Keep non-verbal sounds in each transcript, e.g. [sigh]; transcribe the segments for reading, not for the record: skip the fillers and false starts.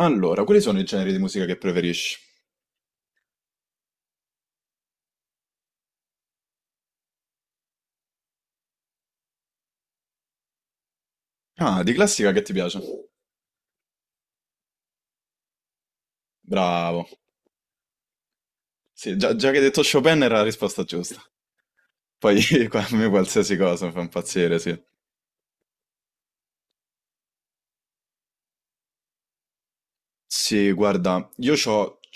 Allora, quali sono i generi di musica che preferisci? Ah, di classica che ti piace? Bravo. Sì, già, già che hai detto Chopin era la risposta giusta. Poi [laughs] a me qualsiasi cosa mi fa impazzire, sì. Sì, guarda, io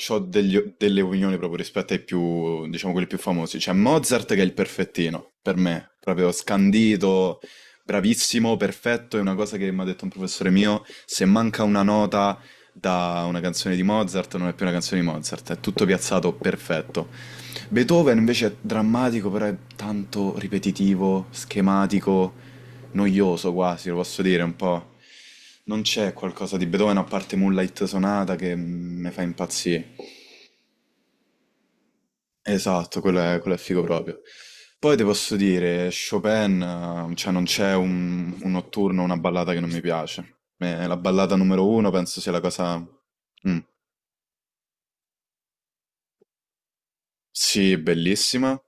ho delle opinioni proprio rispetto ai più, diciamo, quelli più famosi. C'è Mozart che è il perfettino, per me, proprio scandito, bravissimo, perfetto, è una cosa che mi ha detto un professore mio, se manca una nota da una canzone di Mozart non è più una canzone di Mozart, è tutto piazzato perfetto. Beethoven invece è drammatico, però è tanto ripetitivo, schematico, noioso quasi, lo posso dire un po'. Non c'è qualcosa di Beethoven a parte Moonlight Sonata che mi fa impazzire. Esatto, quello è figo proprio. Poi ti posso dire, Chopin, cioè non c'è un notturno, una ballata che non mi piace. La ballata numero uno penso sia la cosa. Mm. Sì, bellissima,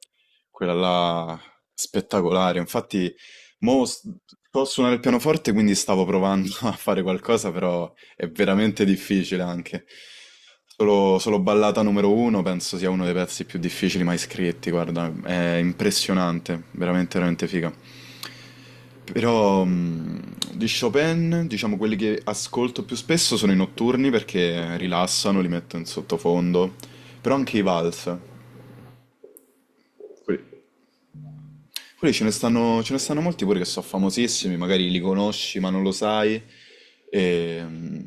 quella là spettacolare. Infatti, mo s- so suonare il pianoforte, quindi stavo provando [laughs] a fare qualcosa, però è veramente difficile anche. Solo ballata numero uno, penso sia uno dei pezzi più difficili mai scritti, guarda, è impressionante, veramente, veramente figa. Però di Chopin, diciamo quelli che ascolto più spesso sono i notturni perché rilassano, li metto in sottofondo, però anche i vals. Quelli quelli ce ne stanno molti pure che sono famosissimi, magari li conosci ma non lo sai. E, mm,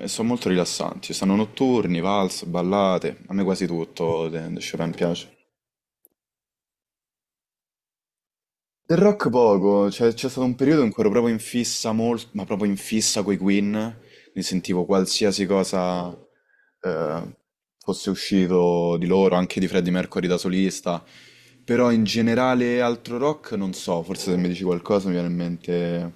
e sono molto rilassanti. Ci stanno notturni, valse, ballate. A me quasi tutto de Chopin piace. Del rock poco, cioè c'è stato un periodo in cui ero proprio in fissa molto, ma proprio in fissa coi Queen, mi sentivo qualsiasi cosa eh, fosse uscito di loro, anche di Freddie Mercury da solista, però in generale altro rock non so, forse se mi dici qualcosa mi viene in mente.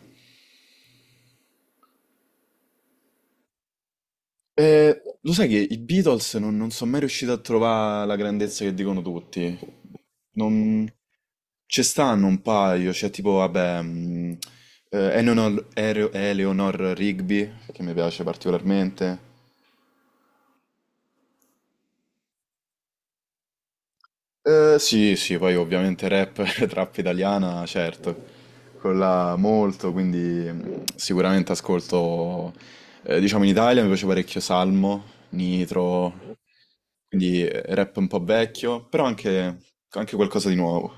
Eh, lo sai che i Beatles non sono mai riusciti a trovare la grandezza che dicono tutti. Non. Ci stanno un paio, c'è tipo, vabbè, Eleanor, Eleanor Rigby, che mi piace particolarmente. Sì, sì, poi ovviamente rap, [laughs] trap italiana, certo, quella molto, quindi sicuramente ascolto, diciamo in Italia mi piace parecchio Salmo, Nitro, quindi rap un po' vecchio, però anche, anche qualcosa di nuovo.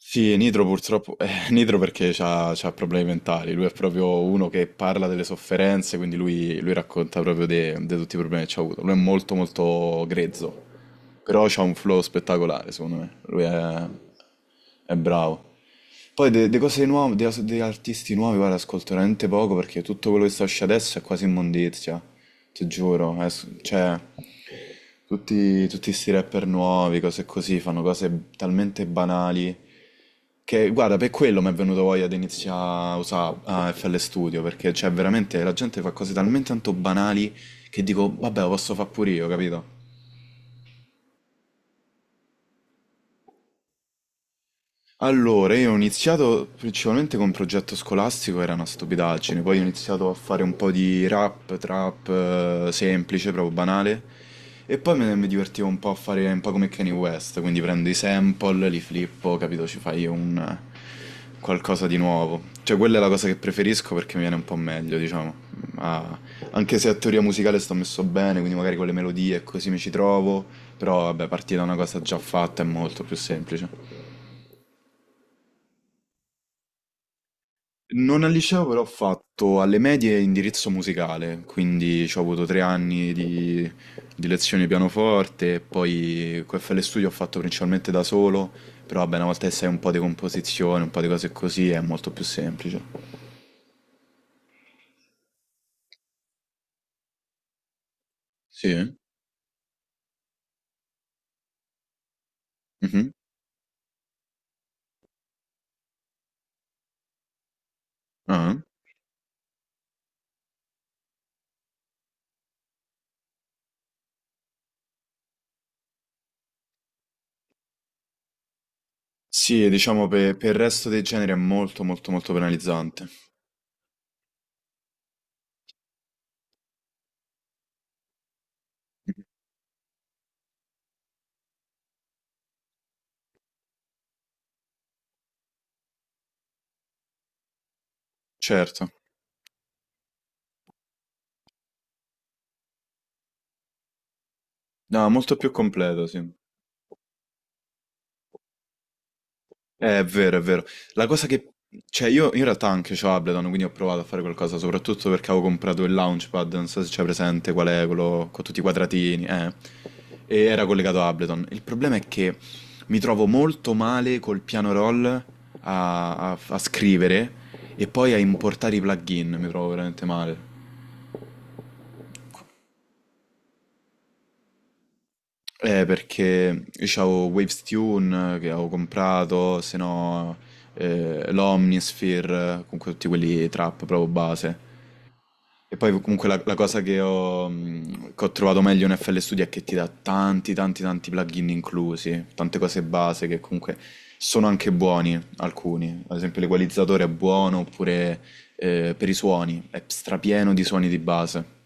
Sì, Nitro purtroppo, [laughs] Nitro perché c'ha problemi mentali, lui è proprio uno che parla delle sofferenze, quindi lui racconta proprio di tutti i problemi che c'ha avuto. Lui è molto molto grezzo, però c'ha un flow spettacolare secondo me, lui è bravo. Poi de cose nuove, de artisti nuovi, guarda, ascolto veramente poco perché tutto quello che sta uscendo adesso è quasi immondizia, ti giuro, cioè. Tutti sti rapper nuovi, cose così, fanno cose talmente banali che, guarda, per quello mi è venuto voglia di iniziare a usare FL Studio, perché, cioè, veramente la gente fa cose talmente tanto banali che dico, vabbè, lo posso fare pure io, capito? Allora, io ho iniziato principalmente con un progetto scolastico, era una stupidaggine, poi ho iniziato a fare un po' di rap, trap, semplice, proprio banale, e poi mi divertivo un po' a fare un po' come Kanye West, quindi prendo i sample, li flippo, capito, ci fai un qualcosa di nuovo. Cioè, quella è la cosa che preferisco perché mi viene un po' meglio, diciamo. Ma anche se a teoria musicale sto messo bene, quindi magari con le melodie e così mi ci trovo, però vabbè, partire da una cosa già fatta è molto più semplice. Non al liceo, però ho fatto alle medie indirizzo musicale, quindi ci ho avuto 3 anni di lezioni di pianoforte, e poi QFL Studio ho fatto principalmente da solo, però vabbè, una volta che sai un po' di composizione, un po' di cose così, è molto più semplice. Sì? Mhm. Ah. Sì, diciamo per il resto dei generi è molto molto molto penalizzante. Certo. No, molto più completo, sì. È vero, è vero. La cosa che. Cioè, io in realtà anche c'ho Ableton, quindi ho provato a fare qualcosa, soprattutto perché avevo comprato il Launchpad, non so se c'è presente qual è quello con tutti i quadratini, eh. E era collegato a Ableton. Il problema è che mi trovo molto male col piano roll a scrivere e poi a importare i plugin, mi trovo veramente male. Perché io c'avevo Waves Tune che avevo comprato, se no l'Omnisphere, comunque tutti quelli trap proprio base. E poi comunque la cosa che ho trovato meglio in FL Studio è che ti dà tanti tanti tanti plugin inclusi, tante cose base che comunque sono anche buoni alcuni, ad esempio l'equalizzatore è buono oppure per i suoni, è strapieno di suoni di base.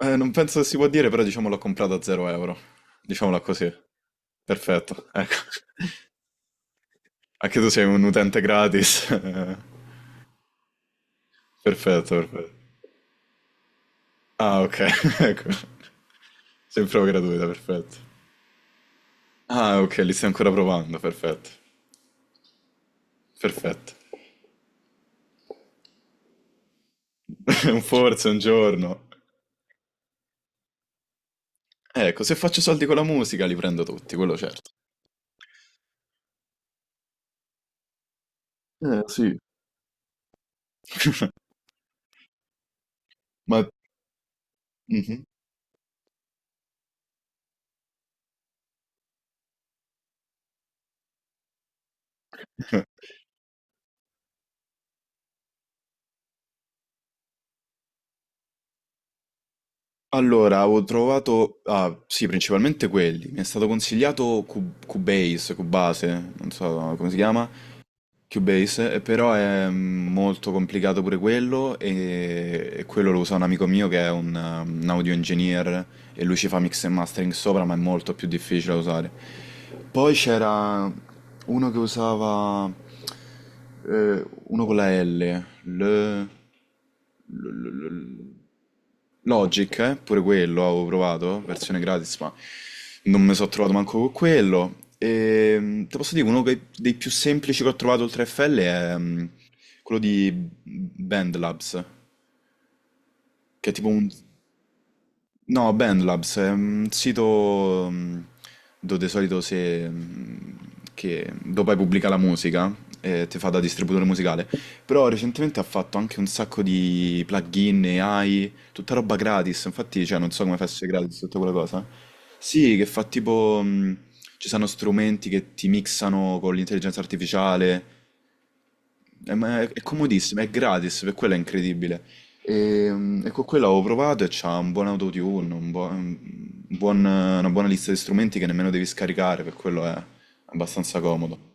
Non penso che si può dire, però diciamo l'ho comprato a 0 euro. Diciamola così. Perfetto, ecco. [laughs] Anche tu sei un utente gratis. [laughs] Perfetto, perfetto. Ah, ok, [laughs] ecco. Sei in prova gratuita, perfetto. Ah, ok, li stai ancora provando, perfetto. Perfetto. [laughs] Un forse un giorno. Ecco, se faccio soldi con la musica li prendo tutti, quello certo. Sì. [laughs] Ma. Mhm. [laughs] Allora, avevo trovato, ah, sì, principalmente quelli. Mi è stato consigliato Cubase, non so come si chiama, Cubase, però è molto complicato pure quello e quello lo usa un amico mio che è un audio engineer e lui ci fa mix e mastering sopra, ma è molto più difficile da usare. Poi c'era uno che usava, uno con la L, L, L, L, Logic, pure quello avevo provato, versione gratis, ma non mi sono trovato manco con quello. E, te posso dire, dei più semplici che ho trovato oltre a FL è quello di Bandlabs, che è tipo. Un... No, BandLabs è un sito dove di solito se, che dopo hai pubblica la musica e ti fa da distributore musicale, però recentemente ha fatto anche un sacco di plugin, AI, tutta roba gratis, infatti cioè, non so come fosse gratis tutta quella cosa. Sì, che fa tipo, ci sono strumenti che ti mixano con l'intelligenza artificiale, ma è comodissimo, è gratis, per quello è incredibile. E con quello avevo provato e c'ha un buon autotune, un buo- un buon- una buona lista di strumenti che nemmeno devi scaricare, per quello è abbastanza comodo.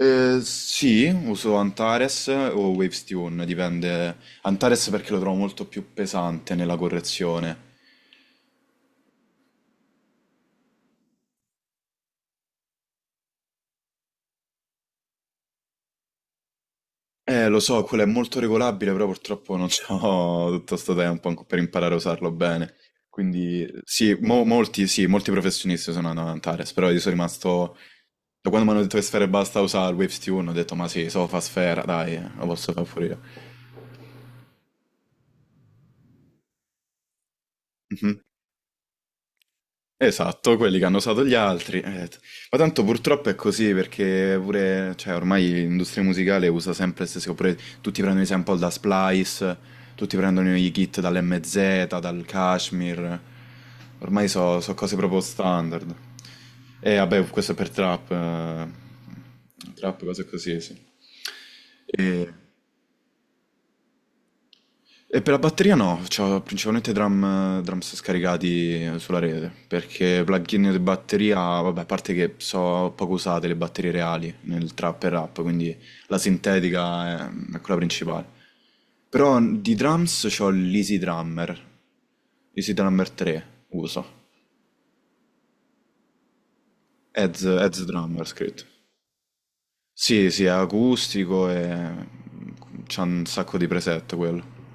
Sì, uso Antares o Wavestune, dipende. Antares perché lo trovo molto più pesante nella correzione. Lo so, quello è molto regolabile, però purtroppo non ho [laughs] tutto sto tempo per imparare a usarlo bene. Quindi sì, molti, sì, molti professionisti sono andati ad Antares, però io sono rimasto. Da quando mi hanno detto che Sphere basta usare il Waves Tune, ho detto ma sì, so fa Sfera, dai, lo posso fare pure io. Mhm. Esatto, quelli che hanno usato gli altri. Ma tanto purtroppo è così perché pure, cioè, ormai l'industria musicale usa sempre le stesse oppure tutti prendono i sample da Splice, tutti prendono i kit dall'MZ, dal Kashmir. Ormai sono cose proprio standard. E vabbè, questo è per trap, cose così, sì. E... E per la batteria no, c'ho principalmente drums scaricati sulla rete, perché plugin di batteria, vabbè, a parte che so poco usate le batterie reali nel trap e rap, quindi la sintetica è quella principale. Però di drums c'ho l'Easy Drummer, Easy Drummer 3 uso, Heads Drummer scritto. Sì, sì, è acustico e c'ha un sacco di preset quello.